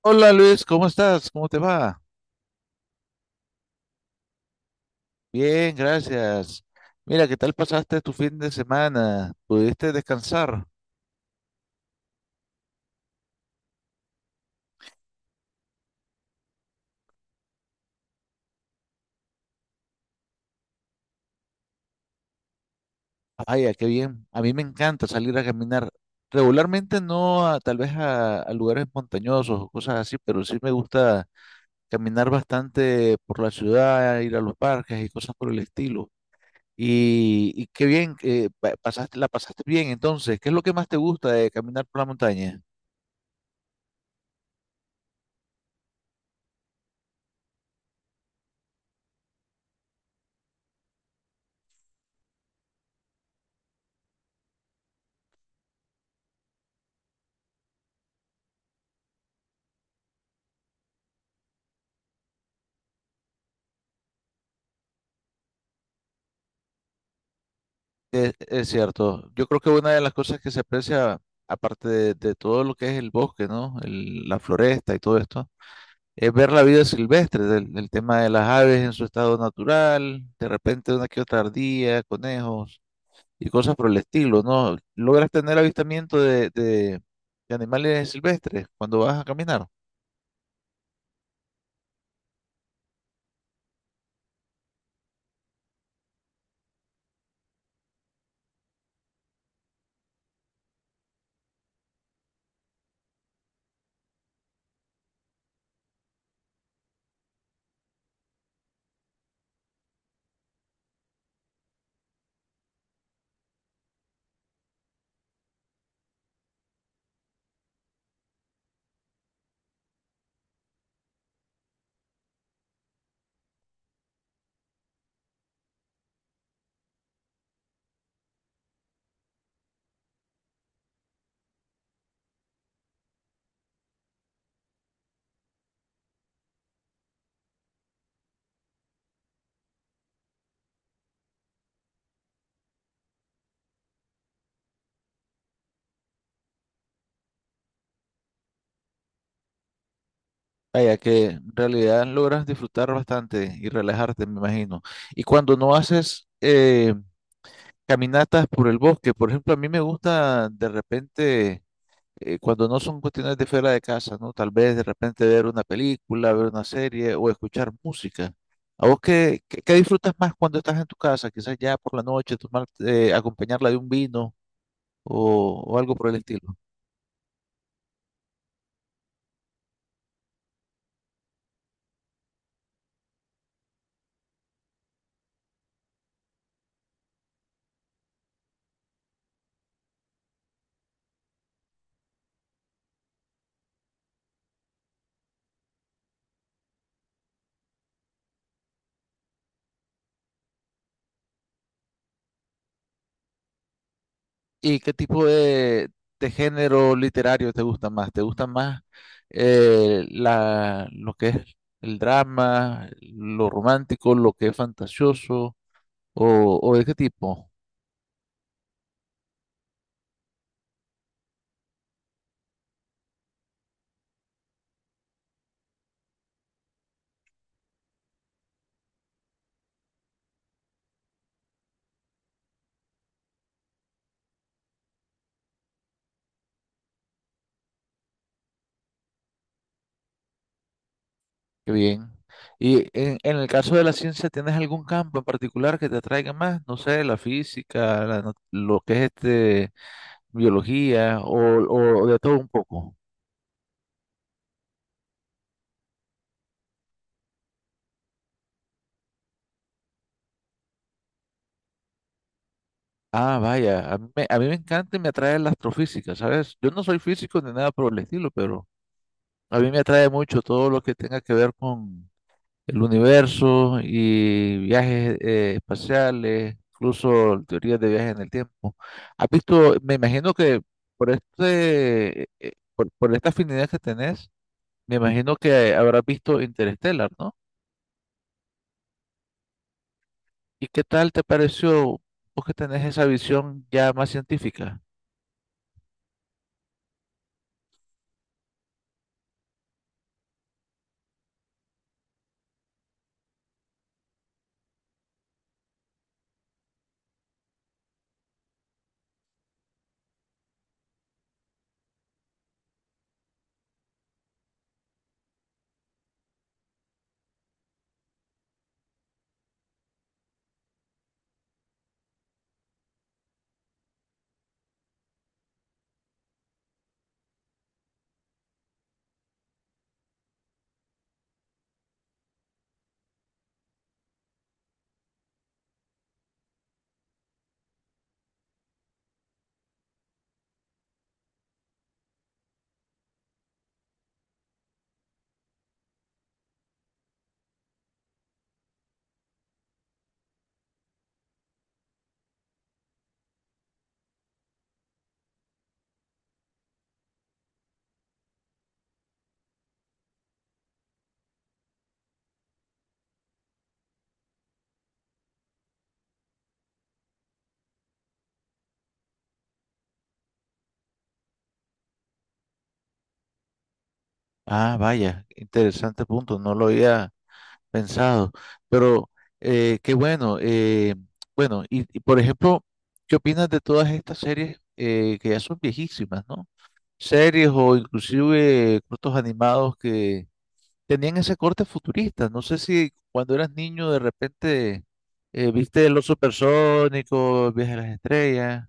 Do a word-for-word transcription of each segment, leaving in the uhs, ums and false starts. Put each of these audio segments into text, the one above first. Hola Luis, ¿cómo estás? ¿Cómo te va? Bien, gracias. Mira, ¿qué tal pasaste tu fin de semana? ¿Pudiste descansar? Vaya, qué bien. A mí me encanta salir a caminar. Regularmente no, a- tal vez a, a lugares montañosos o cosas así, pero sí me gusta caminar bastante por la ciudad, ir a los parques y cosas por el estilo. Y, y qué bien, que pa- pasaste, la pasaste bien entonces. ¿Qué es lo que más te gusta de caminar por la montaña? Es, es cierto. Yo creo que una de las cosas que se aprecia, aparte de, de todo lo que es el bosque, ¿no? El- la floresta y todo esto, es ver la vida silvestre, del, del tema de las aves en su estado natural, de repente una que otra ardilla, conejos y cosas por el estilo, ¿no? Logras tener avistamiento de, de- de animales silvestres cuando vas a caminar. Vaya, que en realidad logras disfrutar bastante y relajarte, me imagino. Y cuando no haces... eh, caminatas por el bosque, por ejemplo, a mí me gusta de repente, eh, cuando no son cuestiones de fuera de casa, ¿no? Tal vez de repente ver una película, ver una serie o escuchar música. ¿A vos qué, qué, qué disfrutas más cuando estás en tu casa? Quizás ya por la noche, tomar, eh, acompañarla de un vino o, o algo por el estilo. ¿Y qué tipo de, de género literario te gusta más? ¿Te gusta más eh, la, lo que es el drama, lo romántico, lo que es fantasioso? ¿O, o de qué tipo? Qué bien. Y en, en el caso de la ciencia, ¿tienes algún campo en particular que te atraiga más? No sé, la física, la no- lo que es este, biología o, o de todo un poco. Ah, vaya, a mí, me, a mí me encanta y me atrae la astrofísica, ¿sabes? Yo no soy físico ni nada por el estilo, pero a mí me atrae mucho todo lo que tenga que ver con el universo y viajes eh, espaciales, incluso teorías de viajes en el tiempo. ¿Has visto? Me imagino que por este, eh, eh, por, por esta afinidad que tenés, me imagino que habrás visto Interstellar, ¿no? ¿Y qué tal te pareció vos que tenés esa visión ya más científica? Ah, vaya, interesante punto, no lo había pensado. Pero eh, qué bueno. Eh, bueno, y, y, por ejemplo, ¿qué opinas de todas estas series eh, que ya son viejísimas, ¿no? Series o inclusive cortos animados que tenían ese corte futurista. No sé si cuando eras niño de repente eh, viste Los Supersónicos, El Viaje a las Estrellas.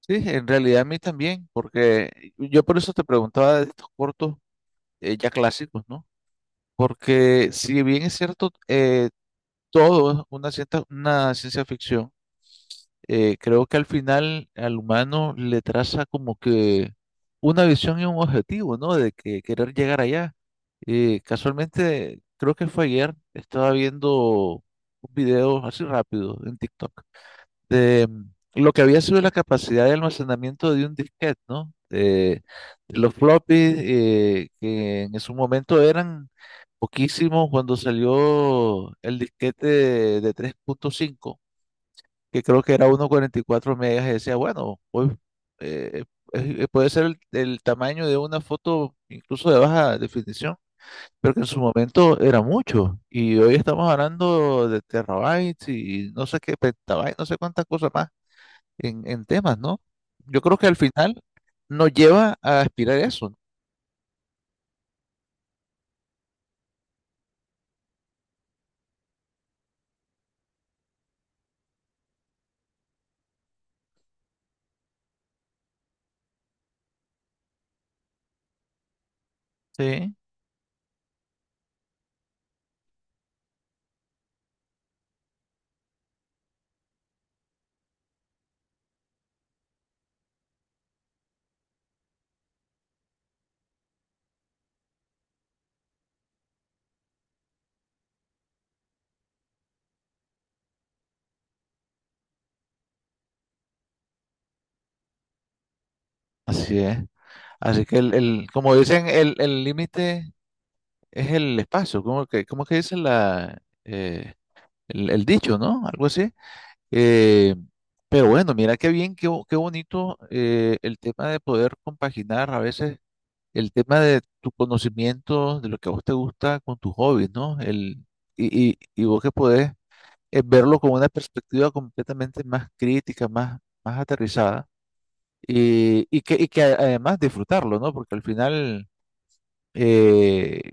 Sí, en realidad a mí también, porque yo por eso te preguntaba de estos cortos eh, ya clásicos, ¿no? Porque si bien es cierto, eh, todo una cierta, una ciencia ficción. Eh, creo que al final al humano le traza como que una visión y un objetivo, ¿no? De que querer llegar allá. Eh, casualmente, creo que fue ayer, estaba viendo un video así rápido en TikTok de mm, lo que había sido la capacidad de almacenamiento de un disquete, ¿no? Eh, de los floppies, eh, que en su momento eran poquísimo cuando salió el disquete de, de tres punto cinco, que creo que era uno punto cuarenta y cuatro megas, y decía, bueno, hoy eh, eh, puede ser el, el tamaño de una foto incluso de baja definición, pero que en su momento era mucho. Y hoy estamos hablando de terabytes y no sé qué, petabytes, no sé cuántas cosas más en, en temas, ¿no? Yo creo que al final nos lleva a aspirar eso. Sí, así es. Así que el, el- como dicen, el el límite es el espacio, ¿cómo que, cómo que dice la, eh, el, el dicho, ¿no? Algo así. Eh, pero bueno, mira qué bien, qué, bo- qué bonito eh, el tema de poder compaginar a veces el tema de tu conocimiento, de lo que a vos te gusta con tus hobbies, ¿no? El, y, y, y vos que podés eh, verlo con una perspectiva completamente más crítica, más, más aterrizada, y, y que, y que a- además disfrutarlo, ¿no? Porque al final... eh,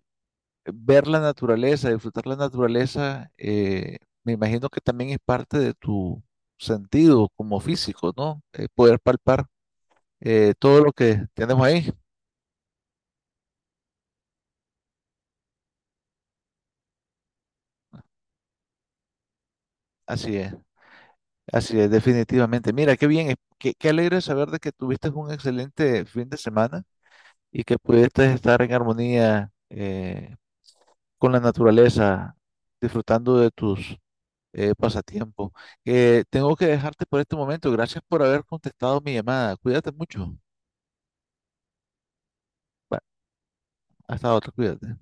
ver la naturaleza, disfrutar la naturaleza, eh, me imagino que también es parte de tu sentido como físico, ¿no? Eh, poder palpar eh, todo lo que tenemos ahí. Así es, así es, definitivamente. Mira, qué bien, eh, qué, qué alegre saber de que tuviste un excelente fin de semana y que pudiste estar en armonía eh, con la naturaleza, disfrutando de tus eh, pasatiempos. Eh, tengo que dejarte por este momento. Gracias por haber contestado mi llamada. Cuídate mucho. Hasta otra, cuídate.